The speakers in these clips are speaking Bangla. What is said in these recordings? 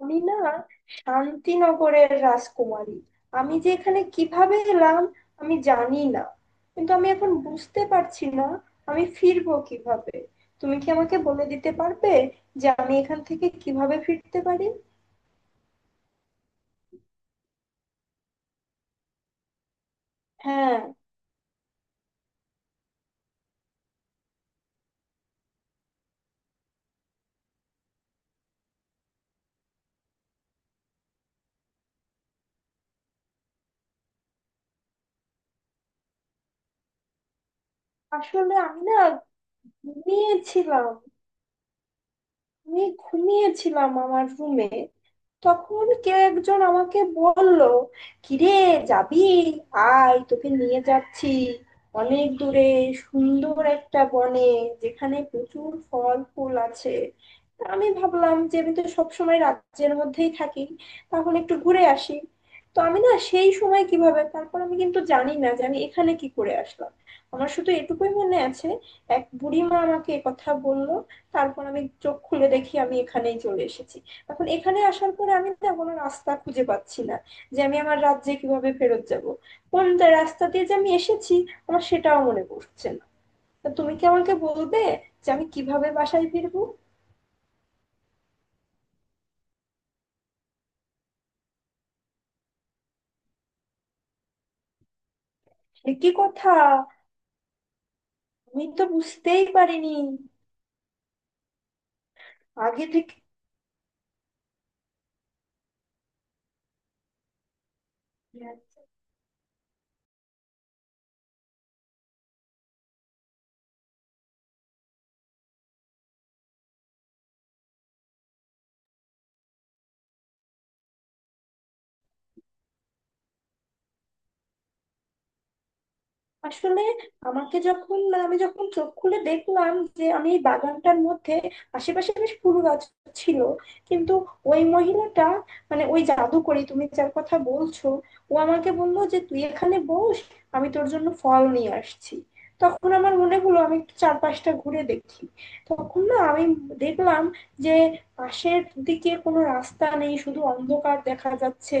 আমি না শান্তিনগরের রাজকুমারী। আমি যে এখানে কিভাবে এলাম আমি জানি না, কিন্তু আমি এখন বুঝতে পারছি না আমি ফিরবো কিভাবে। তুমি কি আমাকে বলে দিতে পারবে যে আমি এখান থেকে কিভাবে ফিরতে পারি? হ্যাঁ, আসলে আমি না ঘুমিয়েছিলাম। আমি ঘুমিয়েছিলাম আমার রুমে, তখন কেউ একজন আমাকে বলল, কিরে যাবি? আয় তোকে নিয়ে যাচ্ছি অনেক দূরে, সুন্দর একটা বনে যেখানে প্রচুর ফল ফুল আছে। তা আমি ভাবলাম যে আমি তো সবসময় রাজ্যের মধ্যেই থাকি, তাহলে একটু ঘুরে আসি। তো আমি না সেই সময় কিভাবে তারপর আমি কিন্তু জানি না যে আমি এখানে কি করে আসলাম। আমার শুধু এটুকুই মনে আছে, এক বুড়িমা আমাকে কথা বলল, তারপর আমি চোখ খুলে দেখি আমি এখানেই চলে এসেছি। এখন এখানে আসার পরে আমি না কোনো রাস্তা খুঁজে পাচ্ছি না যে আমি আমার রাজ্যে কিভাবে ফেরত যাব। কোন রাস্তা দিয়ে যে আমি এসেছি আমার সেটাও মনে পড়ছে না। তা তুমি কি আমাকে বলবে যে আমি কিভাবে বাসায় ফিরবো? সে কি কথা! আমি তো বুঝতেই পারিনি। আগে থেকে? আসলে আমাকে যখন মানে আমি যখন চোখ খুলে দেখলাম যে আমি এই বাগানটার মধ্যে, আশেপাশে বেশ ফুল গাছ ছিল, কিন্তু ওই মহিলাটা মানে ওই জাদুকরি তুমি যার কথা বলছো, ও আমাকে বললো যে তুই এখানে বস, আমি তোর জন্য ফল নিয়ে আসছি। তখন আমার মনে হলো আমি একটু চারপাশটা ঘুরে দেখি। তখন না আমি দেখলাম যে পাশের দিকে কোনো রাস্তা নেই, শুধু অন্ধকার দেখা যাচ্ছে।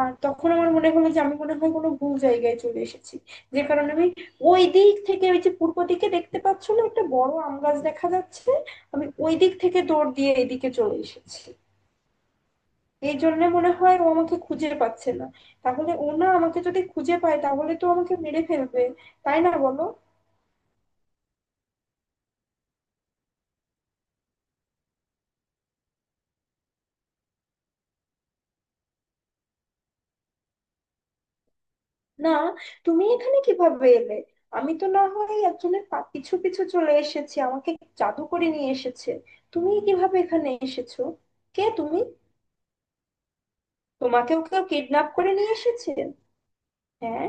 আর তখন আমার মনে হলো যে আমি মনে হয় কোনো ভুল জায়গায় চলে এসেছি, যে কারণে আমি ওই দিক থেকে, ওই যে পূর্ব দিকে দেখতে পাচ্ছ না একটা বড় আম গাছ দেখা যাচ্ছে, আমি ওই দিক থেকে দৌড় দিয়ে এদিকে চলে এসেছি। এই জন্য মনে হয় ও আমাকে খুঁজে পাচ্ছে না। তাহলে ও না আমাকে যদি খুঁজে পায় তাহলে তো আমাকে মেরে ফেলবে, তাই না বলো? না, তুমি এখানে কিভাবে এলে? আমি তো না হয় একজনের পিছু পিছু চলে এসেছি, আমাকে জাদু করে নিয়ে এসেছে। তুমি কিভাবে এখানে এসেছো? কে তুমি? তোমাকেও কেউ কিডন্যাপ করে নিয়ে এসেছে? হ্যাঁ?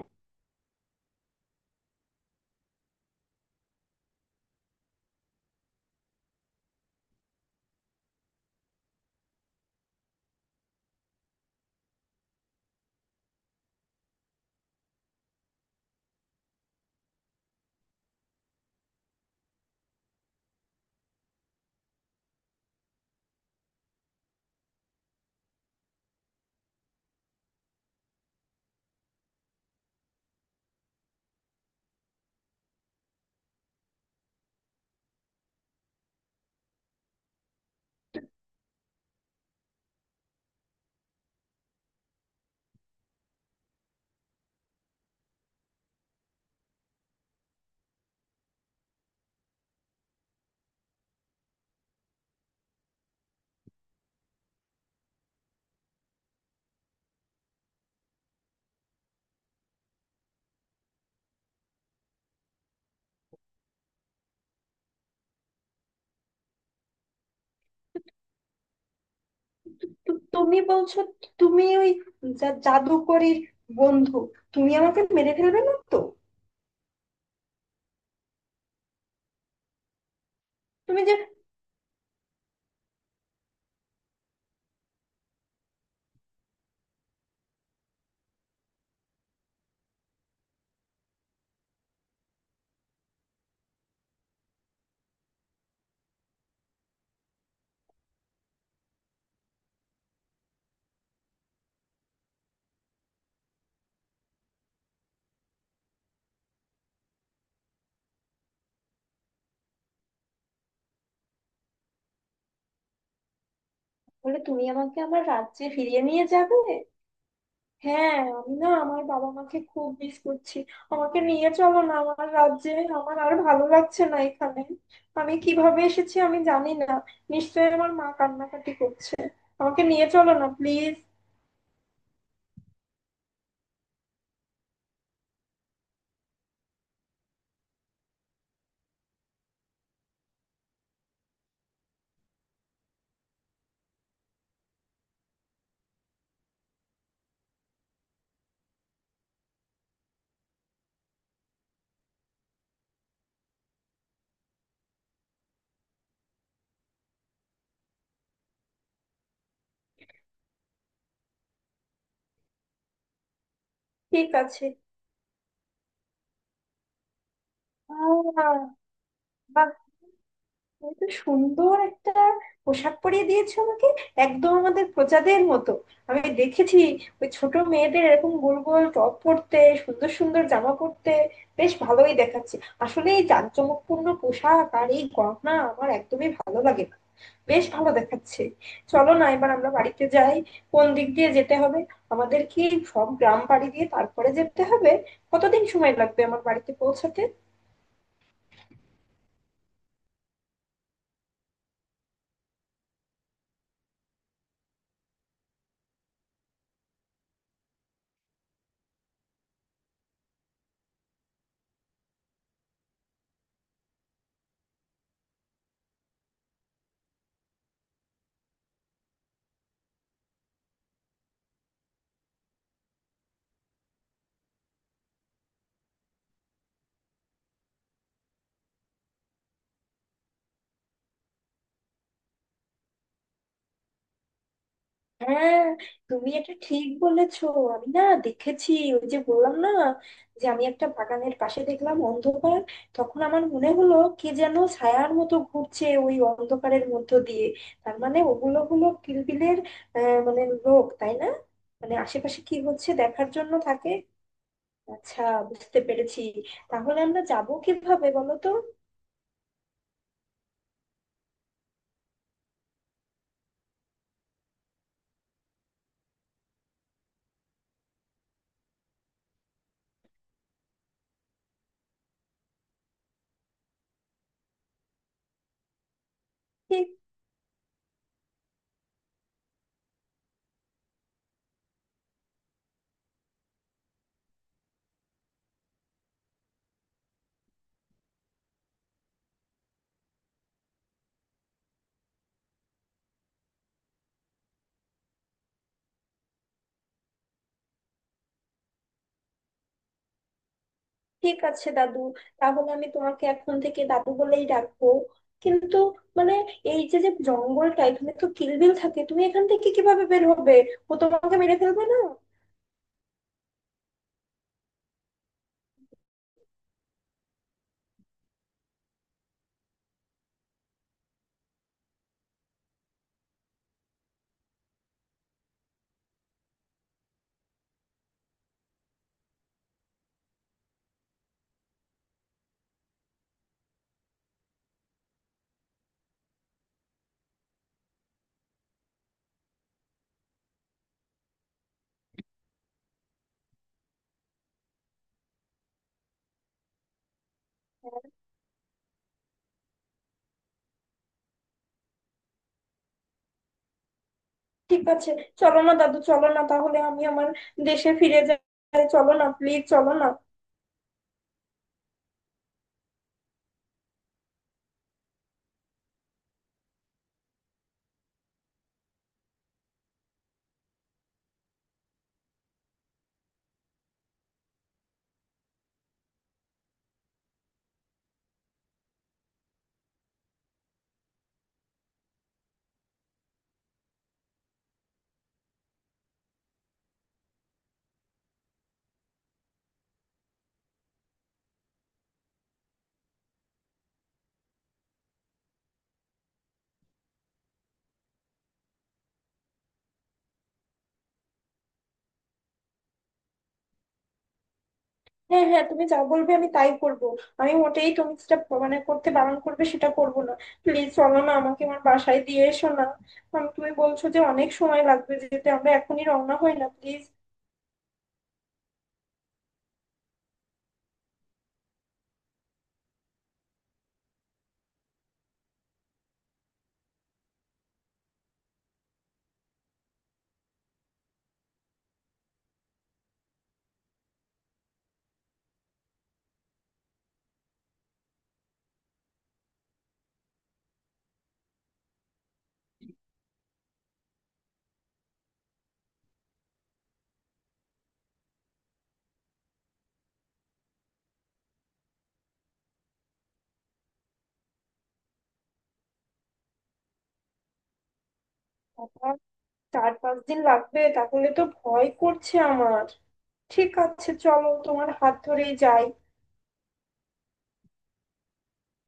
তো তুমি বলছো তুমি ওই জাদুকরীর বন্ধু? তুমি আমাকে মেরে ফেলবে না তো? তুমি যে বলে তুমি আমাকে আমার রাজ্যে ফিরিয়ে নিয়ে যাবে? হ্যাঁ, আমি না আমার বাবা মাকে খুব মিস করছি। আমাকে নিয়ে চলো না আমার রাজ্যে, আমার আর ভালো লাগছে না এখানে। আমি কিভাবে এসেছি আমি জানি না। নিশ্চয়ই আমার মা কান্নাকাটি করছে। আমাকে নিয়ে চলো না প্লিজ। ঠিক আছে। আহ, বাহ! এত সুন্দর একটা পোশাক পরিয়ে দিয়েছো আমাকে, একদম আমাদের প্রজাদের মতো। আমি দেখেছি ওই ছোট মেয়েদের এরকম গোল গোল টপ পরতে, সুন্দর সুন্দর জামা পরতে। বেশ ভালোই দেখাচ্ছে। আসলে এই জাঁকজমকপূর্ণ পোশাক আর এই গহনা আমার একদমই ভালো লাগে না। বেশ ভালো দেখাচ্ছে। চলো না এবার আমরা বাড়িতে যাই। কোন দিক দিয়ে যেতে হবে? আমাদের কি সব গ্রাম পাড়ি দিয়ে তারপরে যেতে হবে? কতদিন সময় লাগবে আমার বাড়িতে পৌঁছাতে? হ্যাঁ, তুমি এটা ঠিক বলেছো। আমি না দেখেছি, ওই যে বললাম না যে আমি একটা বাগানের পাশে দেখলাম অন্ধকার, তখন আমার মনে হলো কে যেন ছায়ার মতো ঘুরছে ওই অন্ধকারের মধ্য দিয়ে। তার মানে ওগুলো হলো কিলবিলের মানে লোক, তাই না? মানে আশেপাশে কি হচ্ছে দেখার জন্য থাকে। আচ্ছা, বুঝতে পেরেছি। তাহলে আমরা যাব কিভাবে বলো তো? ঠিক আছে দাদু, তাহলে আমি তোমাকে এখন থেকে দাদু বলেই ডাকবো। কিন্তু মানে, এই যে যে জঙ্গলটা এখানে তো কিলবিল থাকে, তুমি এখান থেকে কিভাবে বের হবে? ও তোমাকে মেরে ফেলবে না? ঠিক আছে, চলো না দাদু, চলো না তাহলে আমি আমার দেশে ফিরে যাই, চলো না প্লিজ, চলো না। হ্যাঁ হ্যাঁ, তুমি যা বলবে আমি তাই করব। আমি মোটেই তুমি যেটা মানে করতে বারণ করবে সেটা করব না। প্লিজ চলো না, আমাকে আমার বাসায় দিয়ে এসো না। আমি তুমি বলছো যে অনেক সময় লাগবে যেতে, আমরা এখনই রওনা হই না প্লিজ। চার পাঁচ দিন লাগবে? তাহলে তো ভয় করছে আমার। ঠিক আছে, চলো, তোমার হাত ধরেই যাই।